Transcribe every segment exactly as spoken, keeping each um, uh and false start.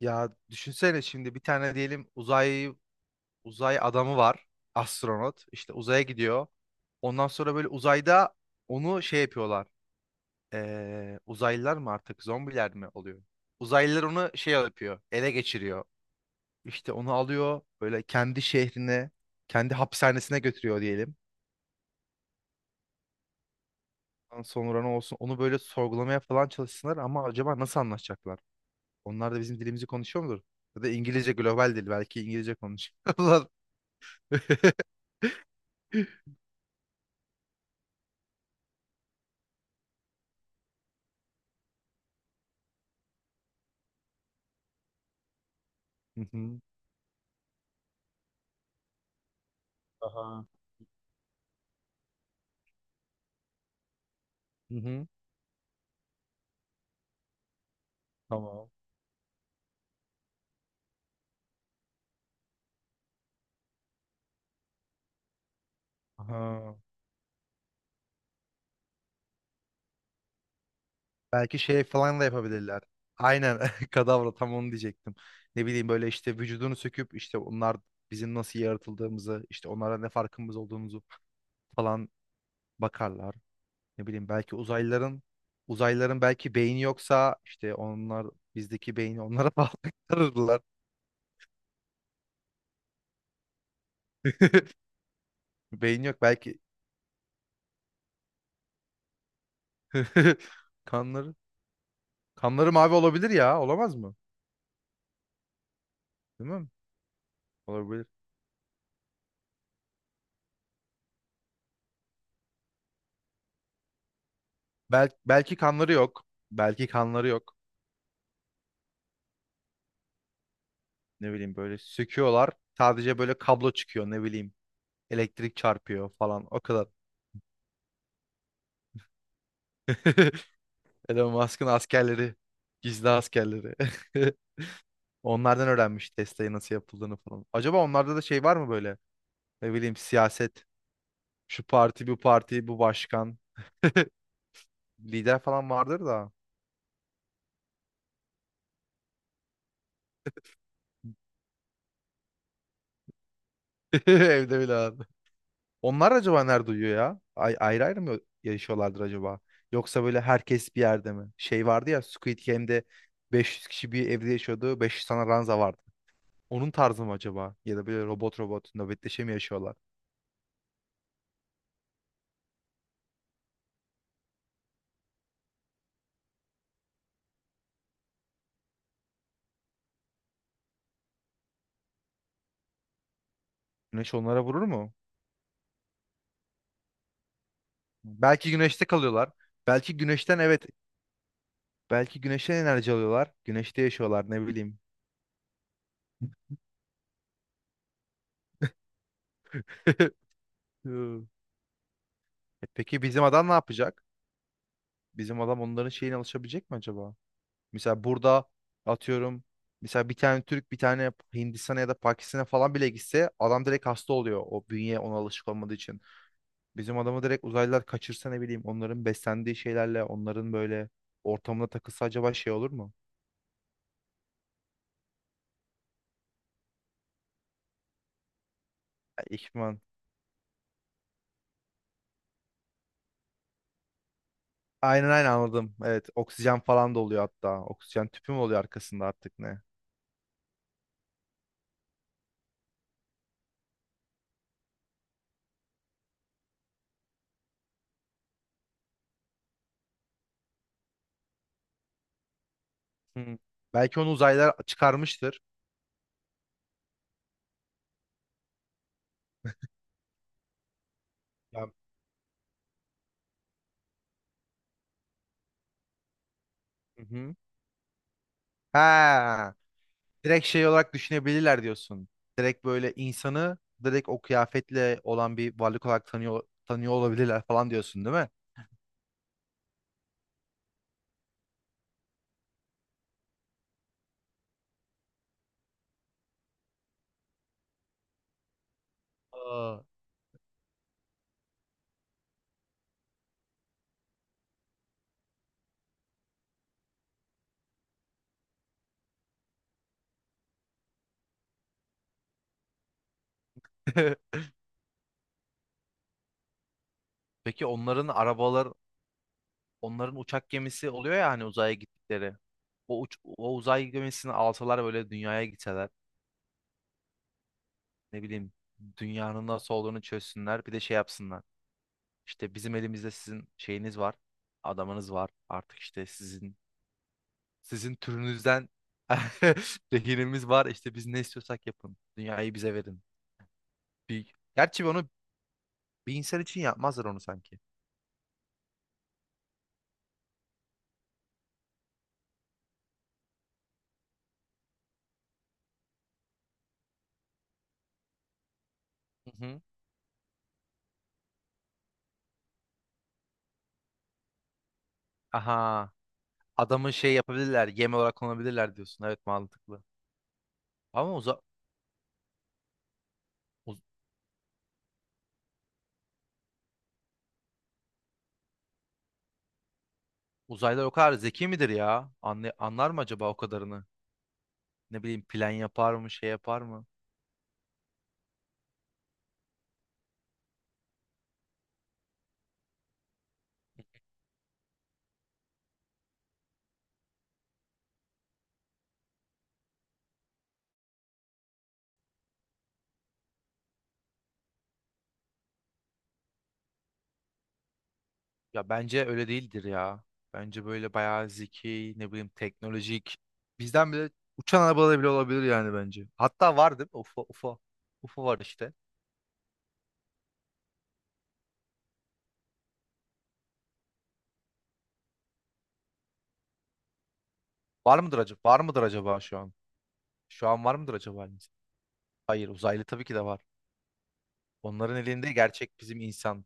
Ya düşünsene şimdi bir tane diyelim uzay uzay adamı var. Astronot. İşte uzaya gidiyor. Ondan sonra böyle uzayda onu şey yapıyorlar. Ee, uzaylılar mı artık zombiler mi oluyor? Uzaylılar onu şey yapıyor. Ele geçiriyor. İşte onu alıyor böyle kendi şehrine, kendi hapishanesine götürüyor diyelim. Ondan sonra ne olsun onu böyle sorgulamaya falan çalışsınlar ama acaba nasıl anlaşacaklar? Onlar da bizim dilimizi konuşuyor mudur? Ya da İngilizce global dil belki İngilizce konuşuyorlar. Hı hı. Aha. Hı hı. Tamam. Aha. Belki şey falan da yapabilirler. Aynen kadavra tam onu diyecektim. Ne bileyim böyle işte vücudunu söküp işte onlar bizim nasıl yaratıldığımızı işte onlara ne farkımız olduğumuzu falan bakarlar. Ne bileyim belki uzaylıların uzaylıların belki beyni yoksa işte onlar bizdeki beyni onlara bağlarlar. Beyin yok belki. Kanları kanları mavi olabilir ya olamaz mı? Değil mi? Olabilir. Bel belki kanları yok. Belki kanları yok. Ne bileyim böyle söküyorlar. Sadece böyle kablo çıkıyor ne bileyim. Elektrik çarpıyor falan o kadar. Elon Musk'ın askerleri. Gizli askerleri. Onlardan öğrenmiş Tesla'yı nasıl yapıldığını falan. Acaba onlarda da şey var mı böyle? Ne bileyim siyaset. Şu parti bu parti bu başkan. Lider falan vardır da. Evde bile var. Onlar acaba nerede uyuyor ya? Ay, ayrı ayrı mı yaşıyorlardır acaba? Yoksa böyle herkes bir yerde mi? Şey vardı ya Squid Game'de beş yüz kişi bir evde yaşıyordu. beş yüz tane ranza vardı. Onun tarzı mı acaba? Ya da böyle robot robot nöbetleşe mi yaşıyorlar? Güneş onlara vurur mu? Belki güneşte kalıyorlar. Belki güneşten evet. Belki güneşten enerji alıyorlar. Güneşte yaşıyorlar ne bileyim. Hı. E peki bizim adam ne yapacak? Bizim adam onların şeyine alışabilecek mi acaba? Mesela burada atıyorum mesela bir tane Türk bir tane Hindistan'a ya da Pakistan'a falan bile gitse adam direkt hasta oluyor. O bünye ona alışık olmadığı için. Bizim adamı direkt uzaylılar kaçırsa ne bileyim onların beslendiği şeylerle onların böyle ortamına takılsa acaba şey olur mu? Ya, İhtimal. Aynen aynen anladım. Evet oksijen falan da oluyor hatta. Oksijen tüpü mü oluyor arkasında artık ne? Hı. Belki onu uzaylılar çıkarmıştır. Ya, hı hı. Ha. Direkt şey olarak düşünebilirler diyorsun. Direkt böyle insanı direkt o kıyafetle olan bir varlık olarak tanıyor, tanıyor olabilirler falan diyorsun değil mi? Aa, peki onların arabalar, onların uçak gemisi oluyor ya hani uzaya gittikleri. O, uç, o uzay gemisini alsalar böyle dünyaya gitseler. Ne bileyim dünyanın nasıl olduğunu çözsünler. Bir de şey yapsınlar. İşte bizim elimizde sizin şeyiniz var. Adamınız var. Artık işte sizin Sizin türünüzden rehinimiz var. İşte biz ne istiyorsak yapın. Dünyayı bize verin. Bir... Gerçi onu bir insan için yapmazlar onu sanki. Hı hı. Aha. Adamı şey yapabilirler. Yem olarak kullanabilirler diyorsun. Evet mantıklı. Ama uza uz- Uzaylılar o kadar zeki midir ya? Anlay anlar mı acaba o kadarını? Ne bileyim plan yapar mı şey yapar mı? Ya bence öyle değildir ya. Bence böyle bayağı zeki, ne bileyim teknolojik. Bizden bile uçan arabalar bile olabilir yani bence. Hatta var değil mi? UFO, UFO. UFO var işte. Var mıdır acaba? Var mıdır acaba şu an? Şu an var mıdır acaba elimizde? Hayır, uzaylı tabii ki de var. Onların elinde gerçek bizim insan.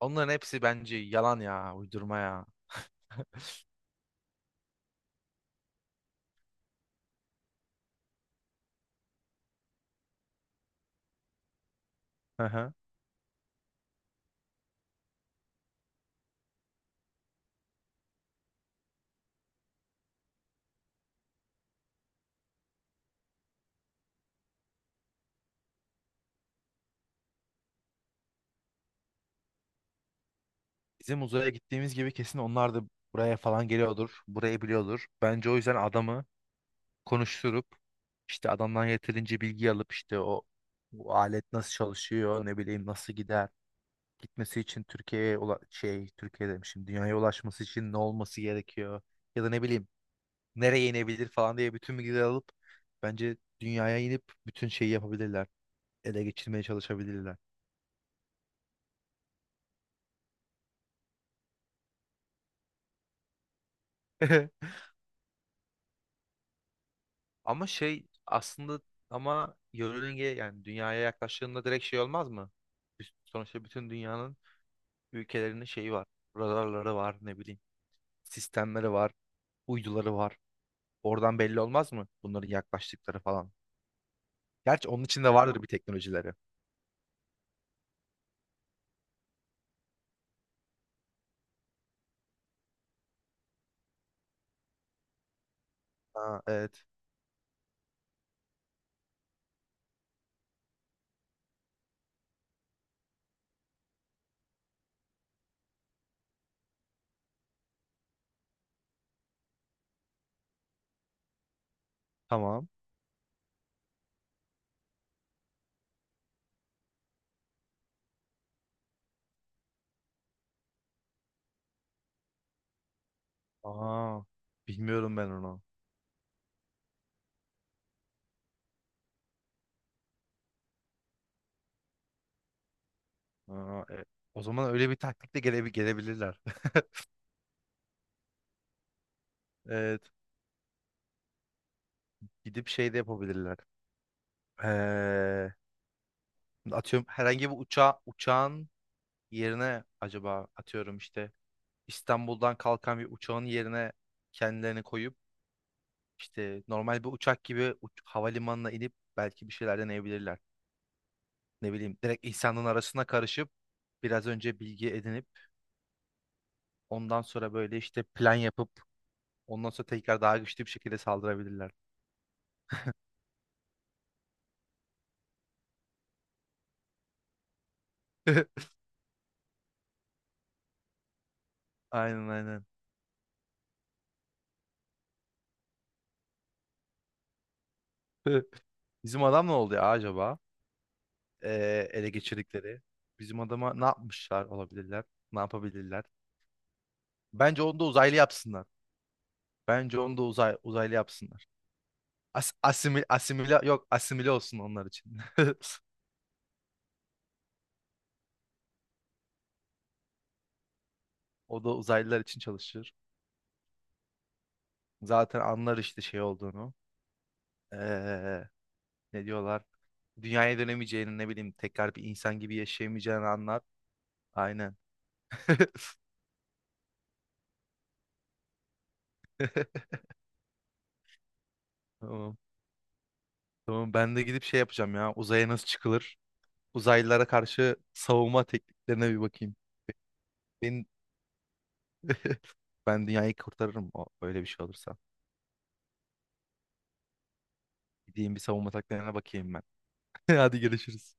Onların hepsi bence yalan ya, uydurma ya. Hı hı. Bizim uzaya gittiğimiz gibi kesin onlar da buraya falan geliyordur. Burayı biliyordur. Bence o yüzden adamı konuşturup işte adamdan yeterince bilgi alıp işte o bu alet nasıl çalışıyor ne bileyim nasıl gider gitmesi için Türkiye'ye ula- şey Türkiye demişim dünyaya ulaşması için ne olması gerekiyor ya da ne bileyim nereye inebilir falan diye bütün bilgileri alıp bence dünyaya inip bütün şeyi yapabilirler ele geçirmeye çalışabilirler. Ama şey aslında ama yörünge yani dünyaya yaklaştığında direkt şey olmaz mı? Biz- sonuçta bütün dünyanın ülkelerinin şeyi var, radarları var ne bileyim, sistemleri var, uyduları var. Oradan belli olmaz mı bunların yaklaştıkları falan? Gerçi onun içinde vardır bir teknolojileri. Ha, evet. Tamam. Aa, bilmiyorum ben onu. Aa, e, o zaman öyle bir taktikle gele gelebilirler. Evet. Gidip şey de yapabilirler. Ee, atıyorum herhangi bir uçağa, uçağın yerine acaba atıyorum işte İstanbul'dan kalkan bir uçağın yerine kendilerini koyup işte normal bir uçak gibi uç- havalimanına inip belki bir şeyler deneyebilirler. Ne bileyim direkt İhsan'ın arasına karışıp biraz önce bilgi edinip ondan sonra böyle işte plan yapıp ondan sonra tekrar daha güçlü bir şekilde saldırabilirler. Aynen aynen. Bizim adam ne oldu ya acaba? Ee, ele geçirdikleri. Bizim adama ne yapmışlar olabilirler? Ne yapabilirler? Bence onu da uzaylı yapsınlar. Bence onu da uzay, uzaylı yapsınlar. As asimil asimile yok asimile olsun onlar için. O da uzaylılar için çalışır. Zaten anlar işte şey olduğunu. Ee, ne diyorlar? Dünyaya dönemeyeceğini ne bileyim tekrar bir insan gibi yaşayamayacağını anlar. Aynen. Tamam. Tamam ben de gidip şey yapacağım ya. Uzaya nasıl çıkılır? Uzaylılara karşı savunma tekniklerine bir bakayım. Ben, ben dünyayı kurtarırım o, öyle bir şey olursa. Gideyim bir savunma taktiklerine bakayım ben. Hadi görüşürüz.